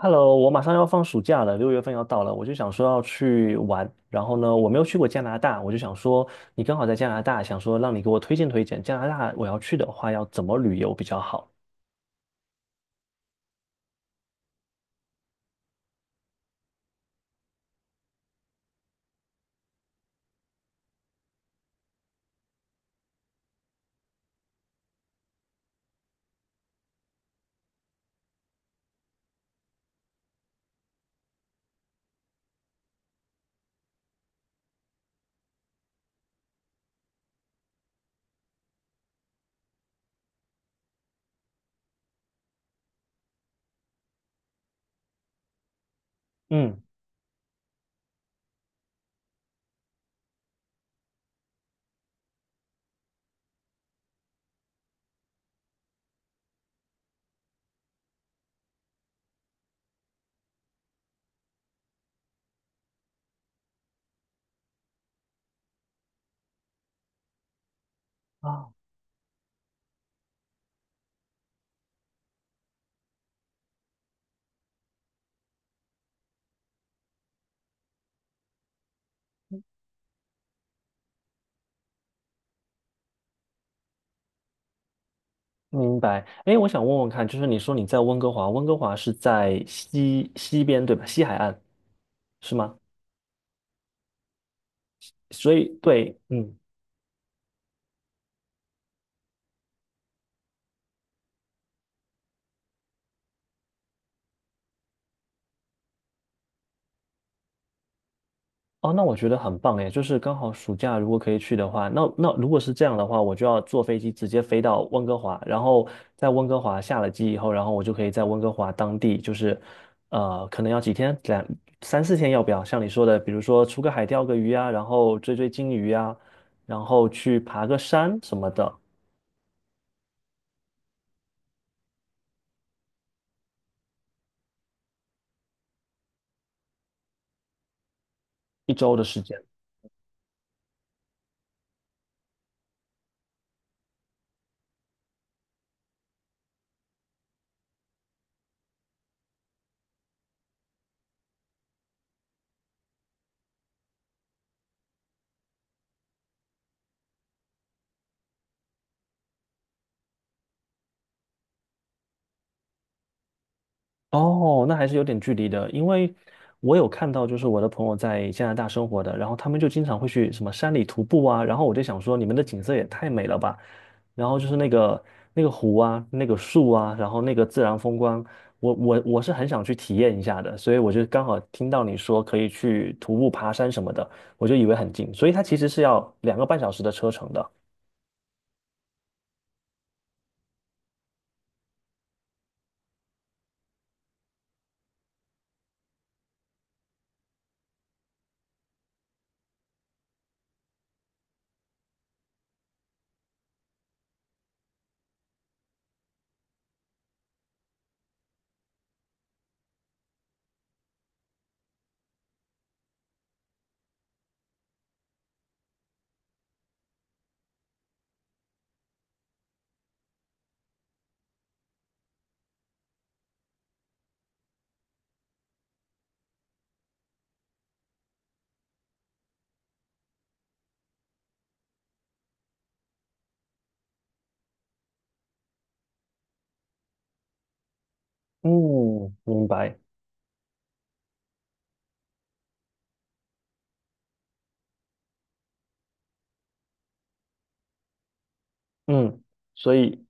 Hello，我马上要放暑假了，六月份要到了，我就想说要去玩。然后呢，我没有去过加拿大，我就想说你刚好在加拿大，想说让你给我推荐加拿大，我要去的话要怎么旅游比较好？嗯啊，明白。哎，我想问问看，就是你说你在温哥华，温哥华是在西边对吧？西海岸是吗？所以对，嗯。哦，那我觉得很棒诶，就是刚好暑假如果可以去的话，那如果是这样的话，我就要坐飞机直接飞到温哥华，然后在温哥华下了机以后，然后我就可以在温哥华当地，可能要几天，两三四天，要不要？像你说的，比如说出个海钓个鱼啊，然后追鲸鱼啊，然后去爬个山什么的，一周的时间。哦，那还是有点距离的，因为我有看到，就是我的朋友在加拿大生活的，然后他们就经常会去什么山里徒步啊，然后我就想说，你们的景色也太美了吧，然后就是那个湖啊，那个树啊，然后那个自然风光，我是很想去体验一下的，所以我就刚好听到你说可以去徒步爬山什么的，我就以为很近，所以它其实是要两个半小时的车程的。嗯，明白。嗯，所以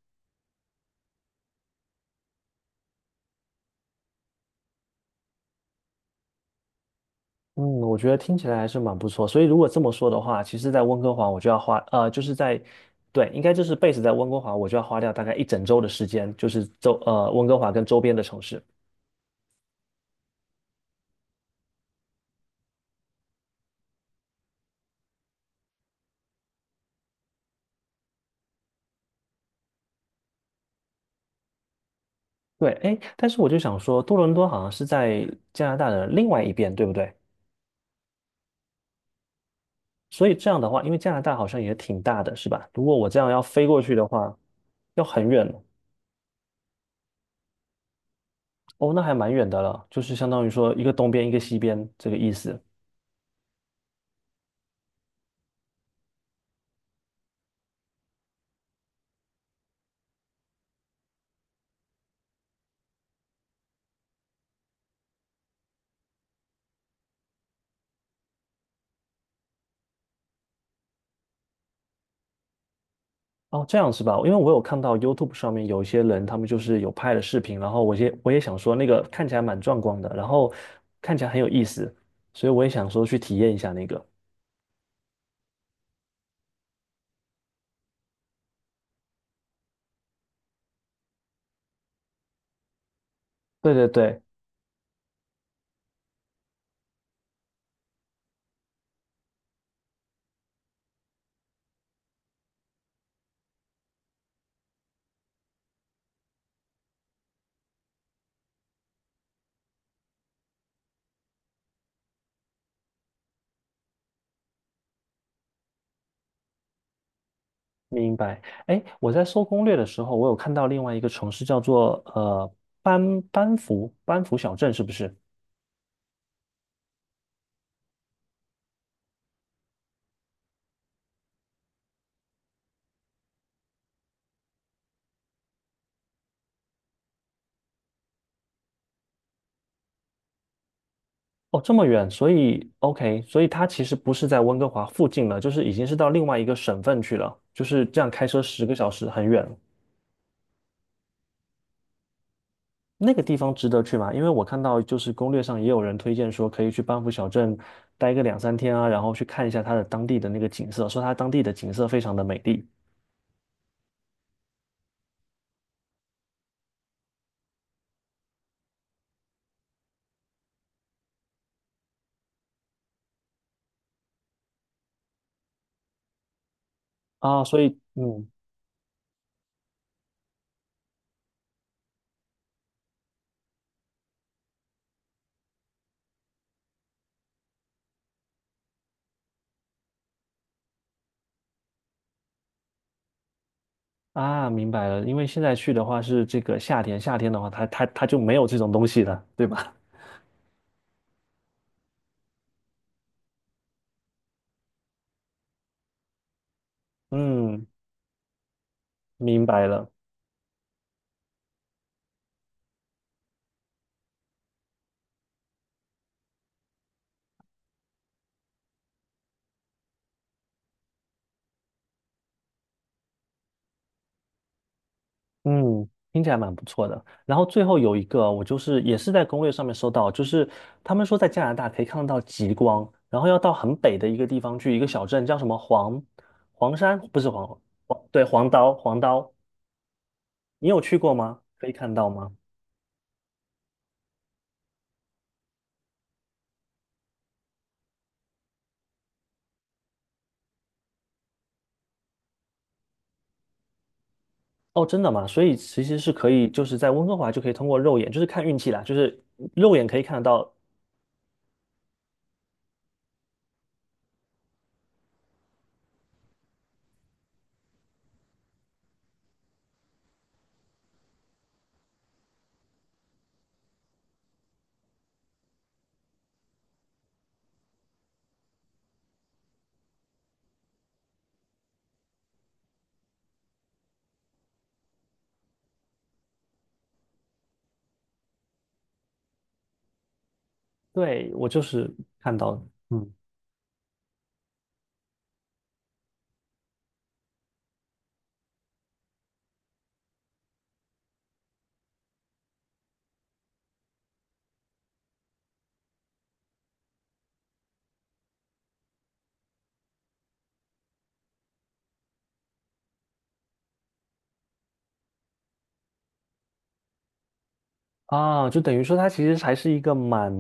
嗯，我觉得听起来还是蛮不错。所以如果这么说的话，其实，在温哥华我就要花，就是在，对，应该就是 base 在温哥华，我就要花掉大概一整周的时间，就是周，温哥华跟周边的城市。对，哎，但是我就想说，多伦多好像是在加拿大的另外一边，对不对？所以这样的话，因为加拿大好像也挺大的，是吧？如果我这样要飞过去的话，要很远。哦，那还蛮远的了，就是相当于说一个东边一个西边这个意思。哦，这样是吧？因为我有看到 YouTube 上面有一些人，他们就是有拍了视频，然后我也想说那个看起来蛮壮观的，然后看起来很有意思，所以我也想说去体验一下那个。对对对，明白。哎，我在搜攻略的时候，我有看到另外一个城市叫做班福小镇，是不是？哦，这么远，所以 OK，所以它其实不是在温哥华附近了，就是已经是到另外一个省份去了，就是这样开车十个小时，很远。那个地方值得去吗？因为我看到就是攻略上也有人推荐说可以去班夫小镇待个两三天啊，然后去看一下它的当地的那个景色，说它当地的景色非常的美丽啊，所以嗯啊，明白了，因为现在去的话是这个夏天，夏天的话它就没有这种东西了，对吧？嗯，明白了。嗯，听起来蛮不错的。然后最后有一个，我就是也是在攻略上面搜到，就是他们说在加拿大可以看得到极光，然后要到很北的一个地方去，一个小镇叫什么黄山，不是黄黄，对，黄刀黄刀，你有去过吗？可以看到吗？哦，真的吗？所以其实是可以，就是在温哥华就可以通过肉眼，就是看运气啦，就是肉眼可以看得到。对，我就是看到了，嗯啊，就等于说它其实还是一个蛮，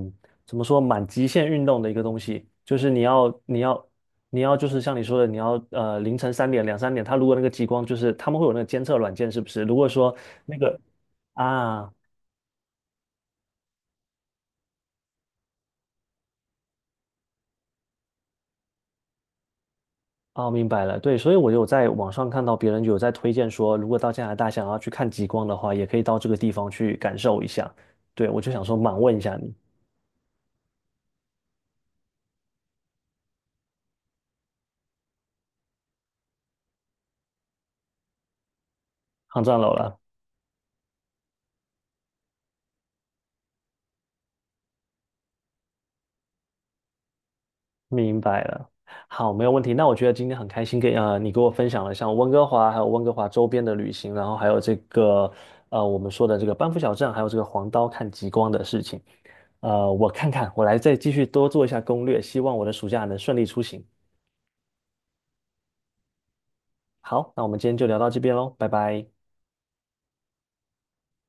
怎么说，蛮极限运动的一个东西，就是你要就是像你说的，你要凌晨三点两三点，它如果那个极光就是他们会有那个监测软件是不是？如果说那个啊哦明白了，对，所以我有在网上看到别人有在推荐说，如果到加拿大想要去看极光的话，也可以到这个地方去感受一下。对，我就想说满问一下你，抗战楼了。明白了，好，没有问题。那我觉得今天很开心跟，你给我分享了像温哥华，还有温哥华周边的旅行，然后还有这个我们说的这个班夫小镇，还有这个黄刀看极光的事情。呃，我看看，我来再继续多做一下攻略，希望我的暑假能顺利出行。好，那我们今天就聊到这边喽，拜拜。